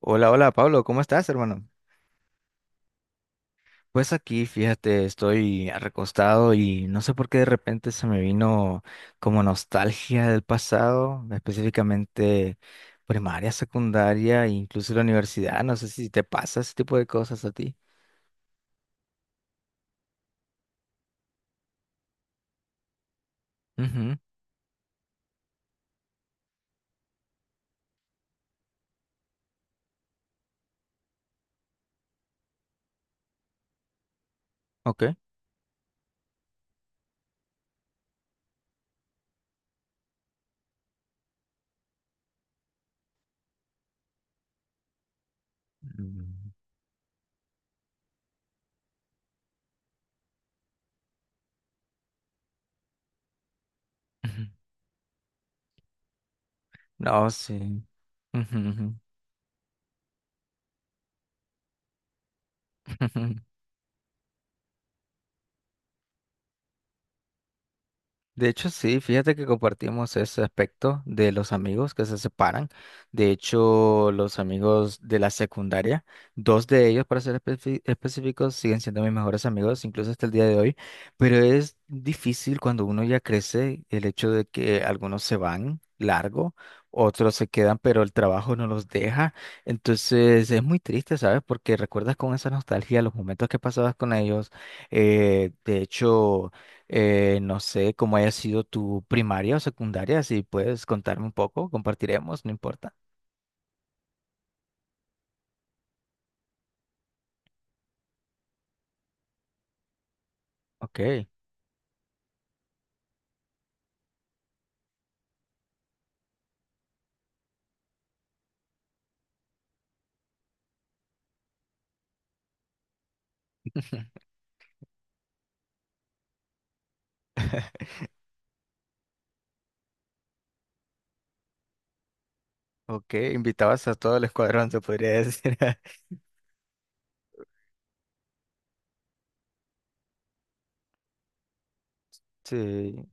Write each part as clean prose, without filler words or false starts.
Hola, hola Pablo, ¿cómo estás, hermano? Pues aquí, fíjate, estoy recostado y no sé por qué de repente se me vino como nostalgia del pasado, específicamente primaria, secundaria e incluso la universidad. No sé si te pasa ese tipo de cosas a ti. Ujú, ok. Mm, ujú. No, sí. Ujú, ujú. De hecho, sí, fíjate que compartimos ese aspecto de los amigos que se separan. De hecho, los amigos de la secundaria, dos de ellos, para ser específicos, siguen siendo mis mejores amigos, incluso hasta el día de hoy. Pero es difícil cuando uno ya crece el hecho de que algunos se van largo, otros se quedan, pero el trabajo no los deja. Entonces, es muy triste, ¿sabes? Porque recuerdas con esa nostalgia los momentos que pasabas con ellos. Eh, de hecho... no sé cómo haya sido tu primaria o secundaria, si puedes contarme un poco, compartiremos, no importa. Ok, ok, invitabas a todo el escuadrón, se podría decir. Sí,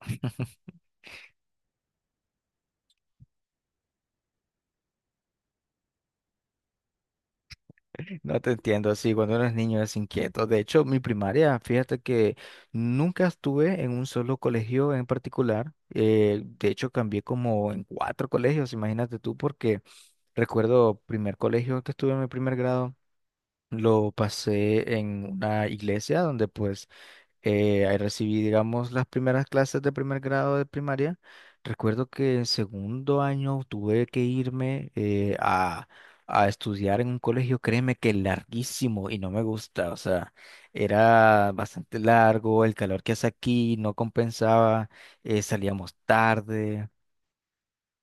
no te entiendo, sí, cuando eres niño es inquieto. De hecho, mi primaria, fíjate que nunca estuve en un solo colegio en particular. De hecho, cambié como en cuatro colegios, imagínate tú, porque recuerdo primer colegio que estuve en mi primer grado. Lo pasé en una iglesia donde pues ahí recibí, digamos, las primeras clases de primer grado de primaria. Recuerdo que en segundo año tuve que irme a estudiar en un colegio, créeme que larguísimo y no me gusta, o sea, era bastante largo, el calor que hace aquí no compensaba, salíamos tarde.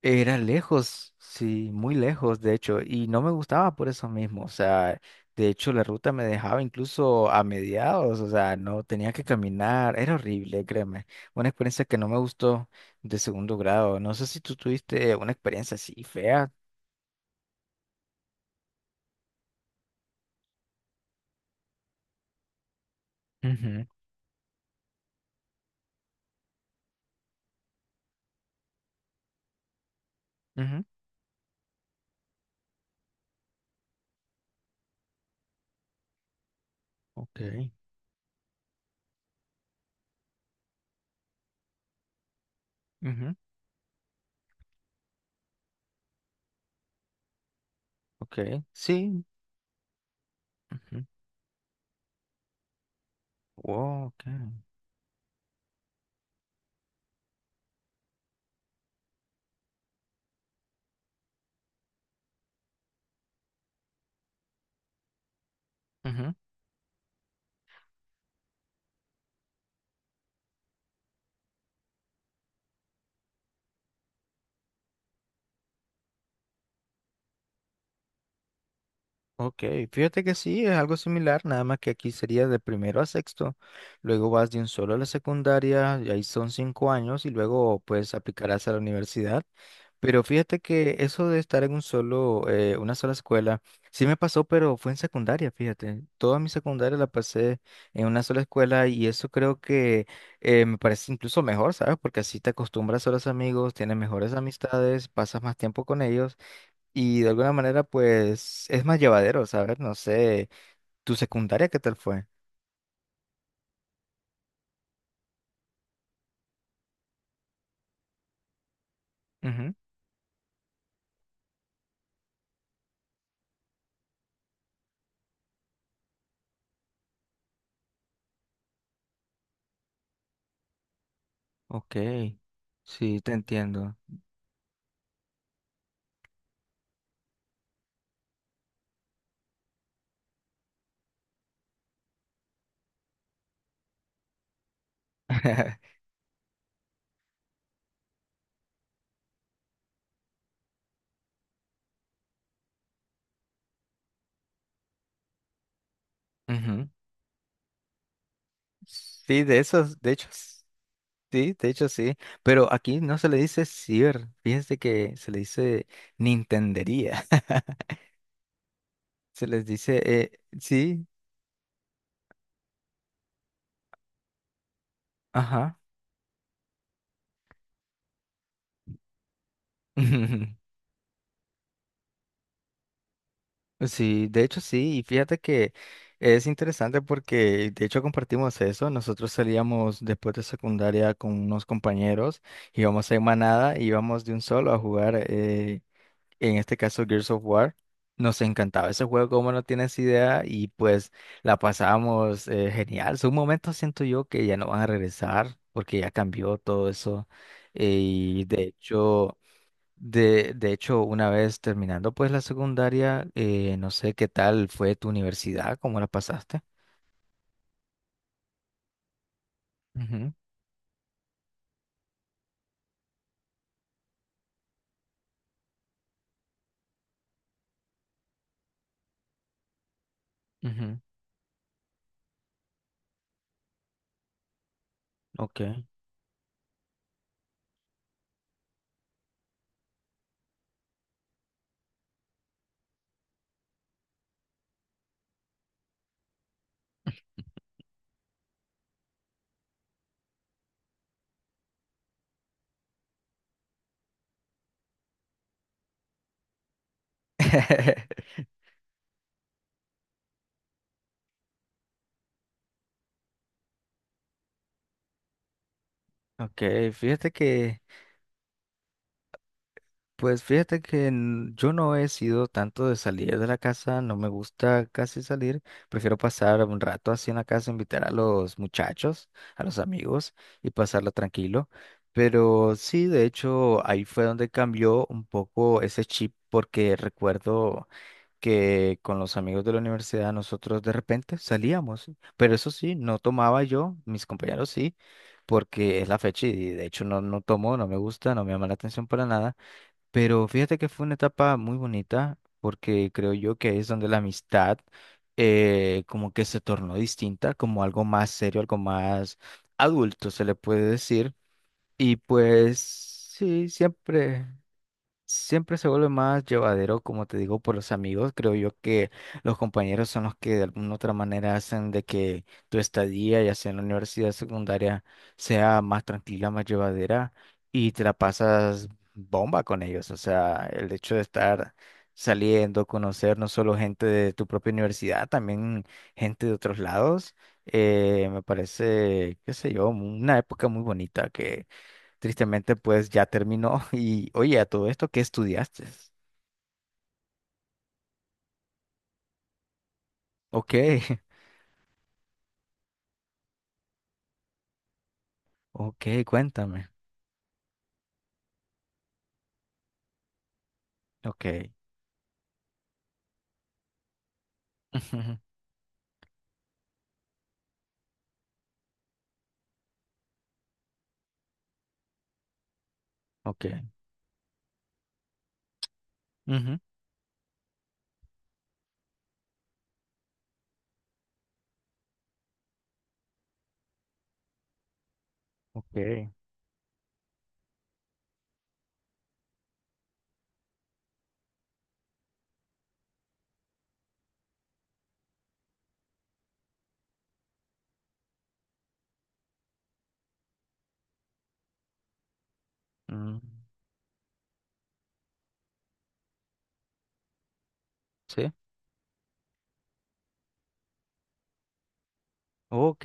Era lejos, sí, muy lejos, de hecho, y no me gustaba por eso mismo, o sea, de hecho la ruta me dejaba incluso a mediados, o sea, no tenía que caminar, era horrible, créeme, una experiencia que no me gustó de segundo grado, no sé si tú tuviste una experiencia así fea. Ujú, ujú, ok, ujú, ok, sí, ujú, wow, ok, ujú. Ok, fíjate que sí, es algo similar, nada más que aquí sería de primero a sexto, luego vas de un solo a la secundaria, y ahí son cinco años, y luego pues aplicarás a la universidad. Pero fíjate que eso de estar en un solo, una sola escuela, sí me pasó, pero fue en secundaria, fíjate. Toda mi secundaria la pasé en una sola escuela y eso creo que me parece incluso mejor, ¿sabes? Porque así te acostumbras a los amigos, tienes mejores amistades, pasas más tiempo con ellos. Y de alguna manera, pues, es más llevadero, ¿sabes? No sé, ¿tu secundaria qué tal fue? Ujú, ok, sí, te entiendo. Ujú. Sí, de esos, de hecho, sí, de hecho sí, pero aquí no se le dice ciber, fíjense que se le dice nintendería, se les dice, sí, ajá. Sí, de hecho sí, y fíjate que es interesante porque de hecho compartimos eso, nosotros salíamos después de secundaria con unos compañeros, íbamos en manada, íbamos de un solo a jugar, en este caso Gears of War, nos encantaba ese juego, como no tienes idea, y pues la pasábamos genial, son momentos siento yo que ya no van a regresar porque ya cambió todo eso, eh, y de hecho... de hecho, una vez terminando pues la secundaria, no sé qué tal fue tu universidad, cómo la pasaste. Ujú, ujú, ok. Ok, fíjate que, pues fíjate que yo no he sido tanto de salir de la casa, no me gusta casi salir, prefiero pasar un rato así en la casa, invitar a los muchachos, a los amigos y pasarlo tranquilo. Pero sí, de hecho, ahí fue donde cambió un poco ese chip porque recuerdo que con los amigos de la universidad nosotros de repente salíamos, pero eso sí, no tomaba yo, mis compañeros sí, porque es la fecha y de hecho no, no tomo, no me gusta, no me llama la atención para nada, pero fíjate que fue una etapa muy bonita porque creo yo que es donde la amistad como que se tornó distinta, como algo más serio, algo más adulto se le puede decir y pues sí, siempre. Siempre se vuelve más llevadero, como te digo, por los amigos. Creo yo que los compañeros son los que de alguna otra manera hacen de que tu estadía, ya sea en la universidad secundaria, sea más tranquila, más llevadera y te la pasas bomba con ellos. O sea, el hecho de estar saliendo, conocer no solo gente de tu propia universidad, también gente de otros lados, me parece, qué sé yo, una época muy bonita. Tristemente, pues ya terminó. Y oye, a todo esto, ¿qué estudiaste? Ok, ok, cuéntame. Ok. Ujú, ok. Ujú, ok. Mm, sí. Ok.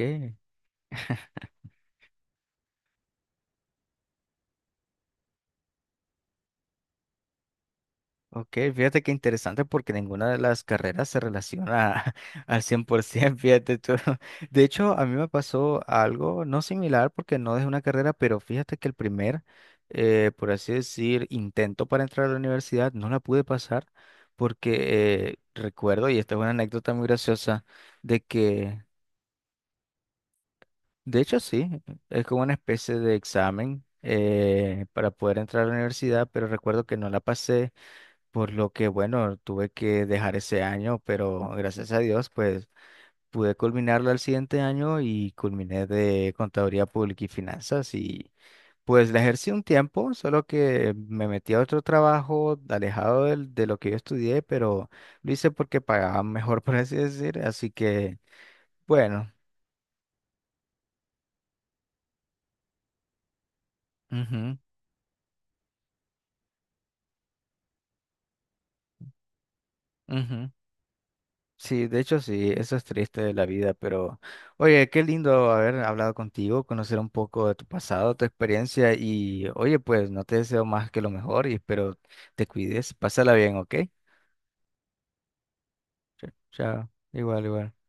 Ok, fíjate qué interesante porque ninguna de las carreras se relaciona al 100%, fíjate tú. De hecho, a mí me pasó algo no similar porque no es una carrera, pero fíjate que el primer, por así decir, intento para entrar a la universidad no la pude pasar porque recuerdo, y esta es una anécdota muy graciosa, de que, de hecho sí, es como una especie de examen para poder entrar a la universidad, pero recuerdo que no la pasé. Por lo que, bueno, tuve que dejar ese año, pero gracias a Dios, pues pude culminarlo al siguiente año y culminé de Contaduría Pública y Finanzas y pues la ejercí un tiempo, solo que me metí a otro trabajo alejado de lo que yo estudié, pero lo hice porque pagaban mejor, por así decir, así que, bueno. Ujú, ujú. Sí, de hecho sí, eso es triste de la vida, pero oye, qué lindo haber hablado contigo, conocer un poco de tu pasado, tu experiencia y oye, pues no te deseo más que lo mejor y espero te cuides, pásala bien, ¿ok? Chao, igual, igual.